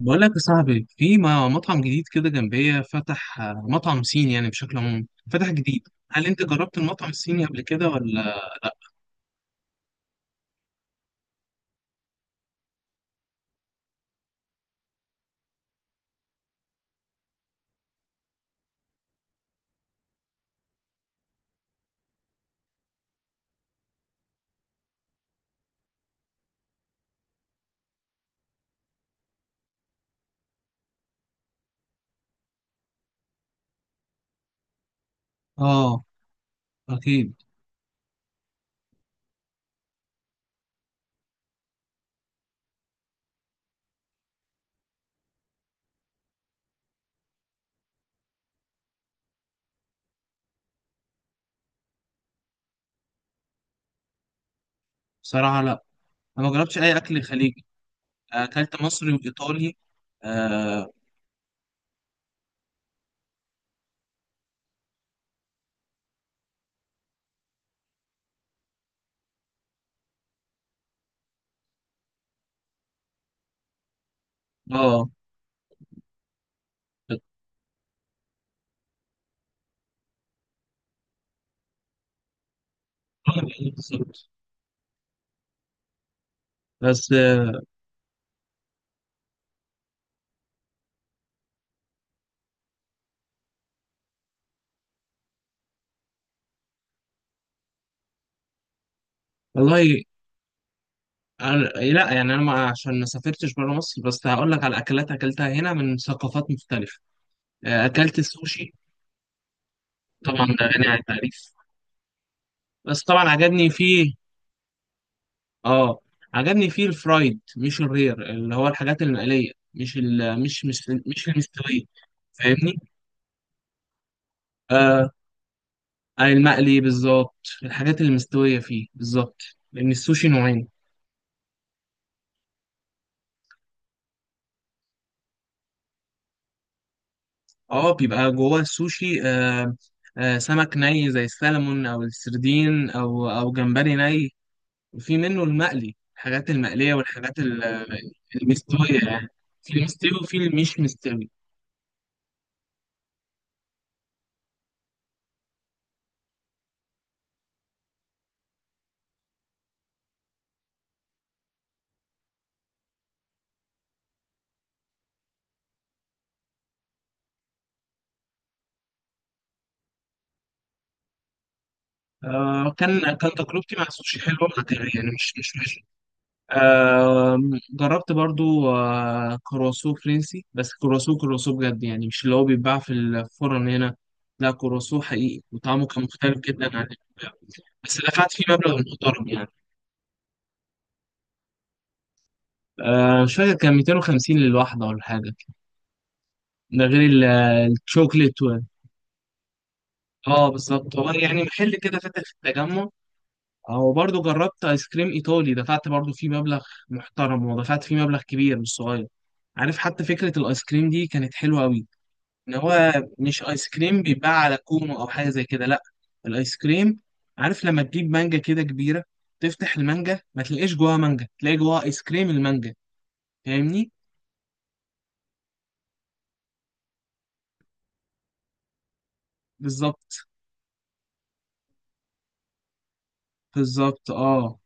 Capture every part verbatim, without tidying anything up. بقول لك يا صاحبي في م- مطعم جديد كده جنبية فتح آه، مطعم صيني يعني بشكل عام فتح جديد. هل انت جربت المطعم الصيني قبل كده ولا؟ اه، اكيد. بصراحة لا، انا ما جربتش اي اكل خليجي، اكلت مصري وايطالي. اه. آه، بالظبط. بس آه، والله. أنا- لا يعني انا ما عشان ما سافرتش بره مصر، بس هقول لك على اكلات اكلتها هنا من ثقافات مختلفة. آه، اكلت السوشي، طبعا ده غني عن التعريف، بس طبعا عجبني فيه. اه، عجبني فيه الفرايد مش الرير، اللي هو الحاجات المقلية، مش ال مش مش مش المستوية. فاهمني؟ آه، آه، المقلي بالظبط، الحاجات المستوية فيه بالظبط، لأن السوشي نوعين. اه، بيبقى جوه السوشي آه، آه سمك ني زي السلمون أو السردين أو أو جمبري ني، وفي منه المقلي، الحاجات المقلية والحاجات ال- المستوية يعني. في المستوي وفي المش مستوي. آه، كان كان تجربتي مع السوشي حلوة، يعني مش مش آم، جربت برضو آه، كرواسو فرنسي، بس كرواسو، كرواسو بجد يعني، مش اللي هو بيتباع في الفرن هنا. لا، كرواسو حقيقي، وطعمه كان مختلف جدا عن اللي بيتباع. بس دفعت فيه مبلغ محترم يعني. آه، مش فاكر، كان مئتين وخمسين للواحدة ولا حاجة، ده غير ال- الشوكليت و- اه بالظبط. هو يعني محل كده فاتح في التجمع. هو برضو جربت ايس كريم ايطالي، دفعت برضو فيه مبلغ محترم، ودفعت فيه مبلغ كبير مش صغير. عارف، حتى فكرة الايس كريم دي كانت حلوة قوي. ان هو مش ايس كريم بيتباع على كومو او حاجه زي كده، لا، الايس كريم عارف لما تجيب مانجا كده كبيره، تفتح المانجا ما تلاقيش جواها مانجا، تلاقي جواها ايس كريم المانجا. فاهمني؟ بالظبط، بالظبط اه.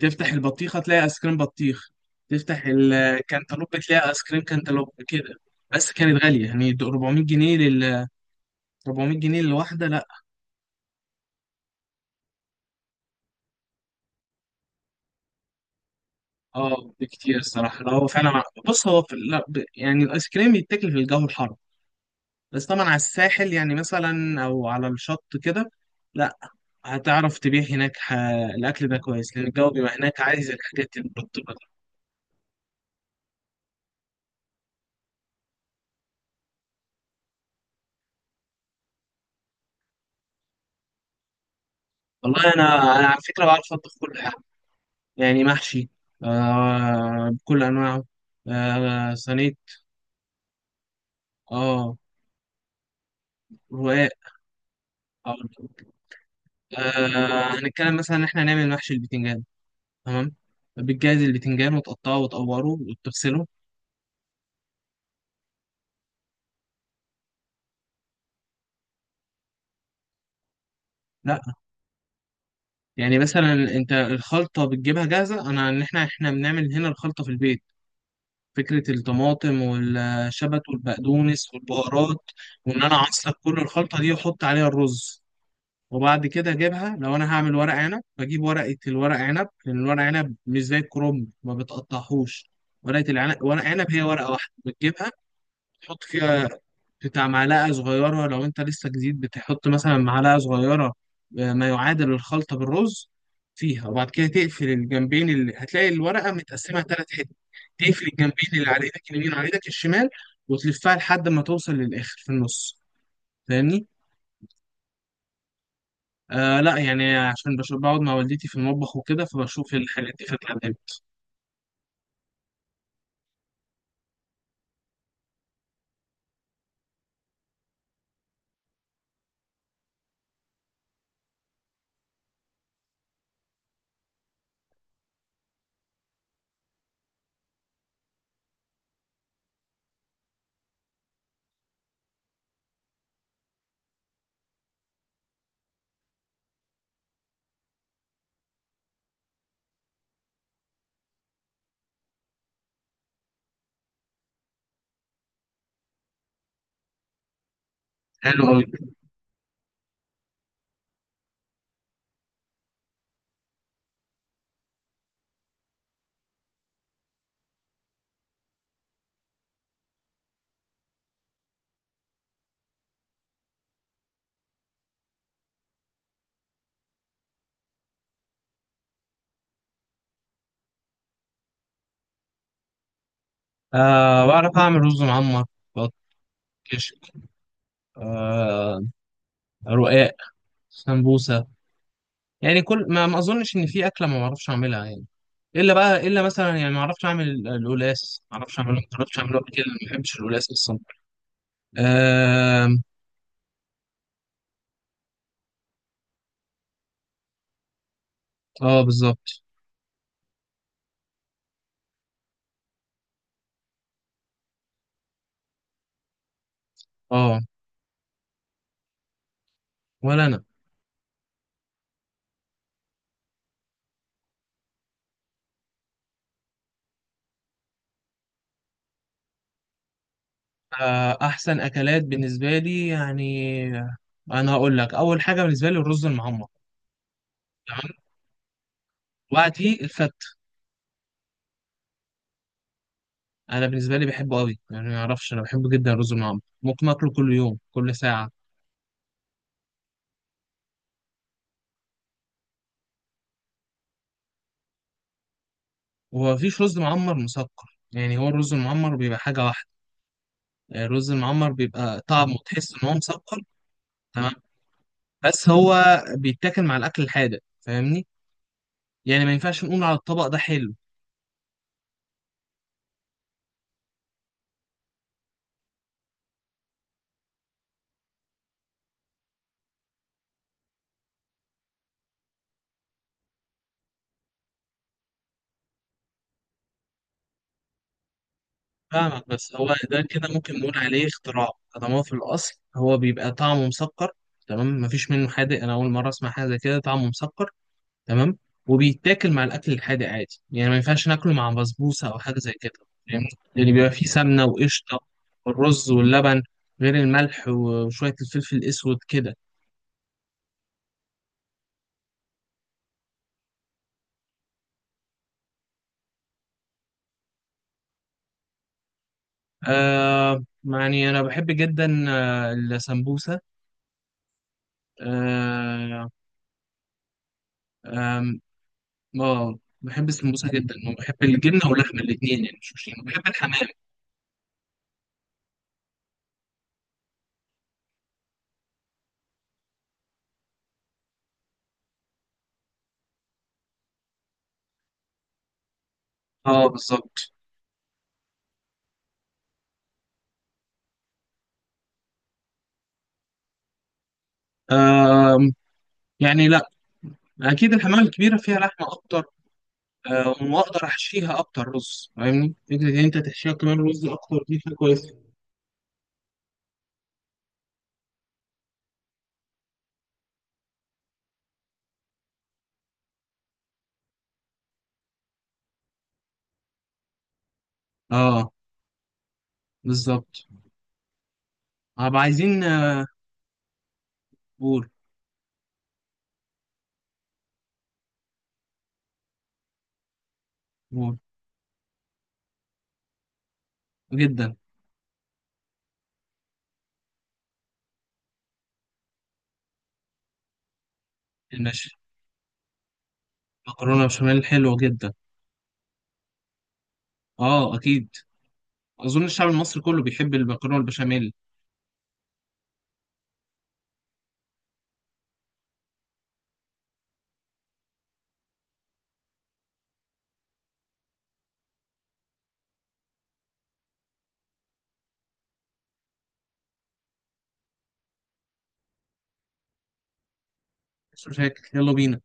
تفتح البطيخه تلاقي ايس كريم بطيخ، تفتح الكنتالوب تلاقي ايس كريم كنتالوب كده. بس كانت غاليه يعني، ده أربعمية جنيه لل أربعمية جنيه للواحده. لا، اه بكتير الصراحه. لا هو فعلا، بص هو في... لا ب... يعني الايس كريم يتاكل في الجو الحر، بس طبعا على الساحل يعني، مثلا او على الشط كده. لا، هتعرف تبيع هناك ح... الاكل ده كويس لان الجو بيبقى هناك عايز الحاجات المرطبه دي. والله انا انا على فكره بعرف اطبخ كل حاجه، يعني محشي آه بكل انواعه، آه صينيه، اه رقاق. آه، آه، هنتكلم مثلا ان احنا نعمل محشي البتنجان. تمام، بتجهز البتنجان وتقطعه وتقوره وتغسله. لا يعني، مثلا انت الخلطه بتجيبها جاهزه، انا ان احنا احنا بنعمل هنا الخلطه في البيت. فكرة الطماطم والشبت والبقدونس والبهارات، وإن أنا أعصر كل الخلطة دي وأحط عليها الرز، وبعد كده أجيبها. لو أنا هعمل ورق عنب، بجيب ورقة الورق عنب، لأن الورق عنب مش زي الكرنب ما بتقطعهوش، ورقة العنب، ورق عنب، هي ورقة واحدة بتجيبها، تحط فيها بتاع معلقة صغيرة. لو أنت لسه جديد، بتحط مثلا معلقة صغيرة آه، ما يعادل الخلطة بالرز فيها، وبعد كده تقفل الجنبين، اللي هتلاقي الورقة متقسمة ثلاث حتت، تقفل الجنبين اللي على إيدك اليمين وعلى إيدك الشمال، وتلفها لحد ما توصل للآخر في النص. فاهمني؟ آه لا، يعني عشان بشوف بقعد مع والدتي في المطبخ وكده، فبشوف الحاجات دي فتعلمت. حلو أوي. آه بعرف أعمل رز معمر، بط- كشك، آه رقاق، سمبوسة. يعني كل ما, ما اظنش ان في اكله ما بعرفش اعملها يعني، الا بقى الا مثلا يعني ما اعرفش اعمل ال- القلاص، ما اعرفش اعمله، ما جربتش اعمله قبل كده، ما بحبش القلاص اصلا. اه، آه بالظبط. اه، ولا انا. آه، احسن اكلات بالنسبه لي يعني، انا هقول لك اول حاجه بالنسبه لي الرز المعمر. تمام، وبعديه الفت. انا بالنسبه لي بحبه قوي يعني، ما اعرفش، انا بحبه جدا الرز المعمر، ممكن اكله كل يوم كل ساعه. ومفيش رز معمر مسكر يعني، هو الرز المعمر بيبقى حاجه واحده، الرز المعمر بيبقى طعمه تحس ان هو مسكر. تمام، بس هو بيتاكل مع الاكل الحادق، فاهمني؟ يعني ما ينفعش نقول على الطبق ده حلو. فاهمك، بس هو ده كده ممكن نقول عليه اختراع، طالما هو في الاصل هو بيبقى طعمه مسكر. تمام، مفيش منه حادق، انا اول مره اسمع حاجه زي كده طعمه مسكر. تمام، وبيتاكل مع الاكل الحادق عادي يعني، ما ينفعش ناكله مع بسبوسه او حاجه زي كده، فاهمني؟ يعني بيبقى فيه سمنه وقشطه والرز واللبن، غير الملح وشويه الفلفل الاسود كده. آه يعني أنا بحب جدا آه السمبوسة، آه. آم، آه، بحب السمبوسة جدا، وبحب الجبنة واللحمة الاتنين، يعني مش مشكلة، بحب الحمام. اه بالظبط. آم، يعني لا، أكيد الحمام الكبيرة فيها لحمة أكتر، آه وأقدر أحشيها أكتر رز. فاهمني؟ فكرة إن أنت تحشيها كمان رز أكتر دي حاجة كويسة. اه بالظبط، هبقى عايزين آه، قول. قول، جدا. المشي. مكرونة بشاميل حلوة جدا، اه أكيد، اظن الشعب المصري كله بيحب المكرونه والبشاميل. مش فاكر، يلا بينا.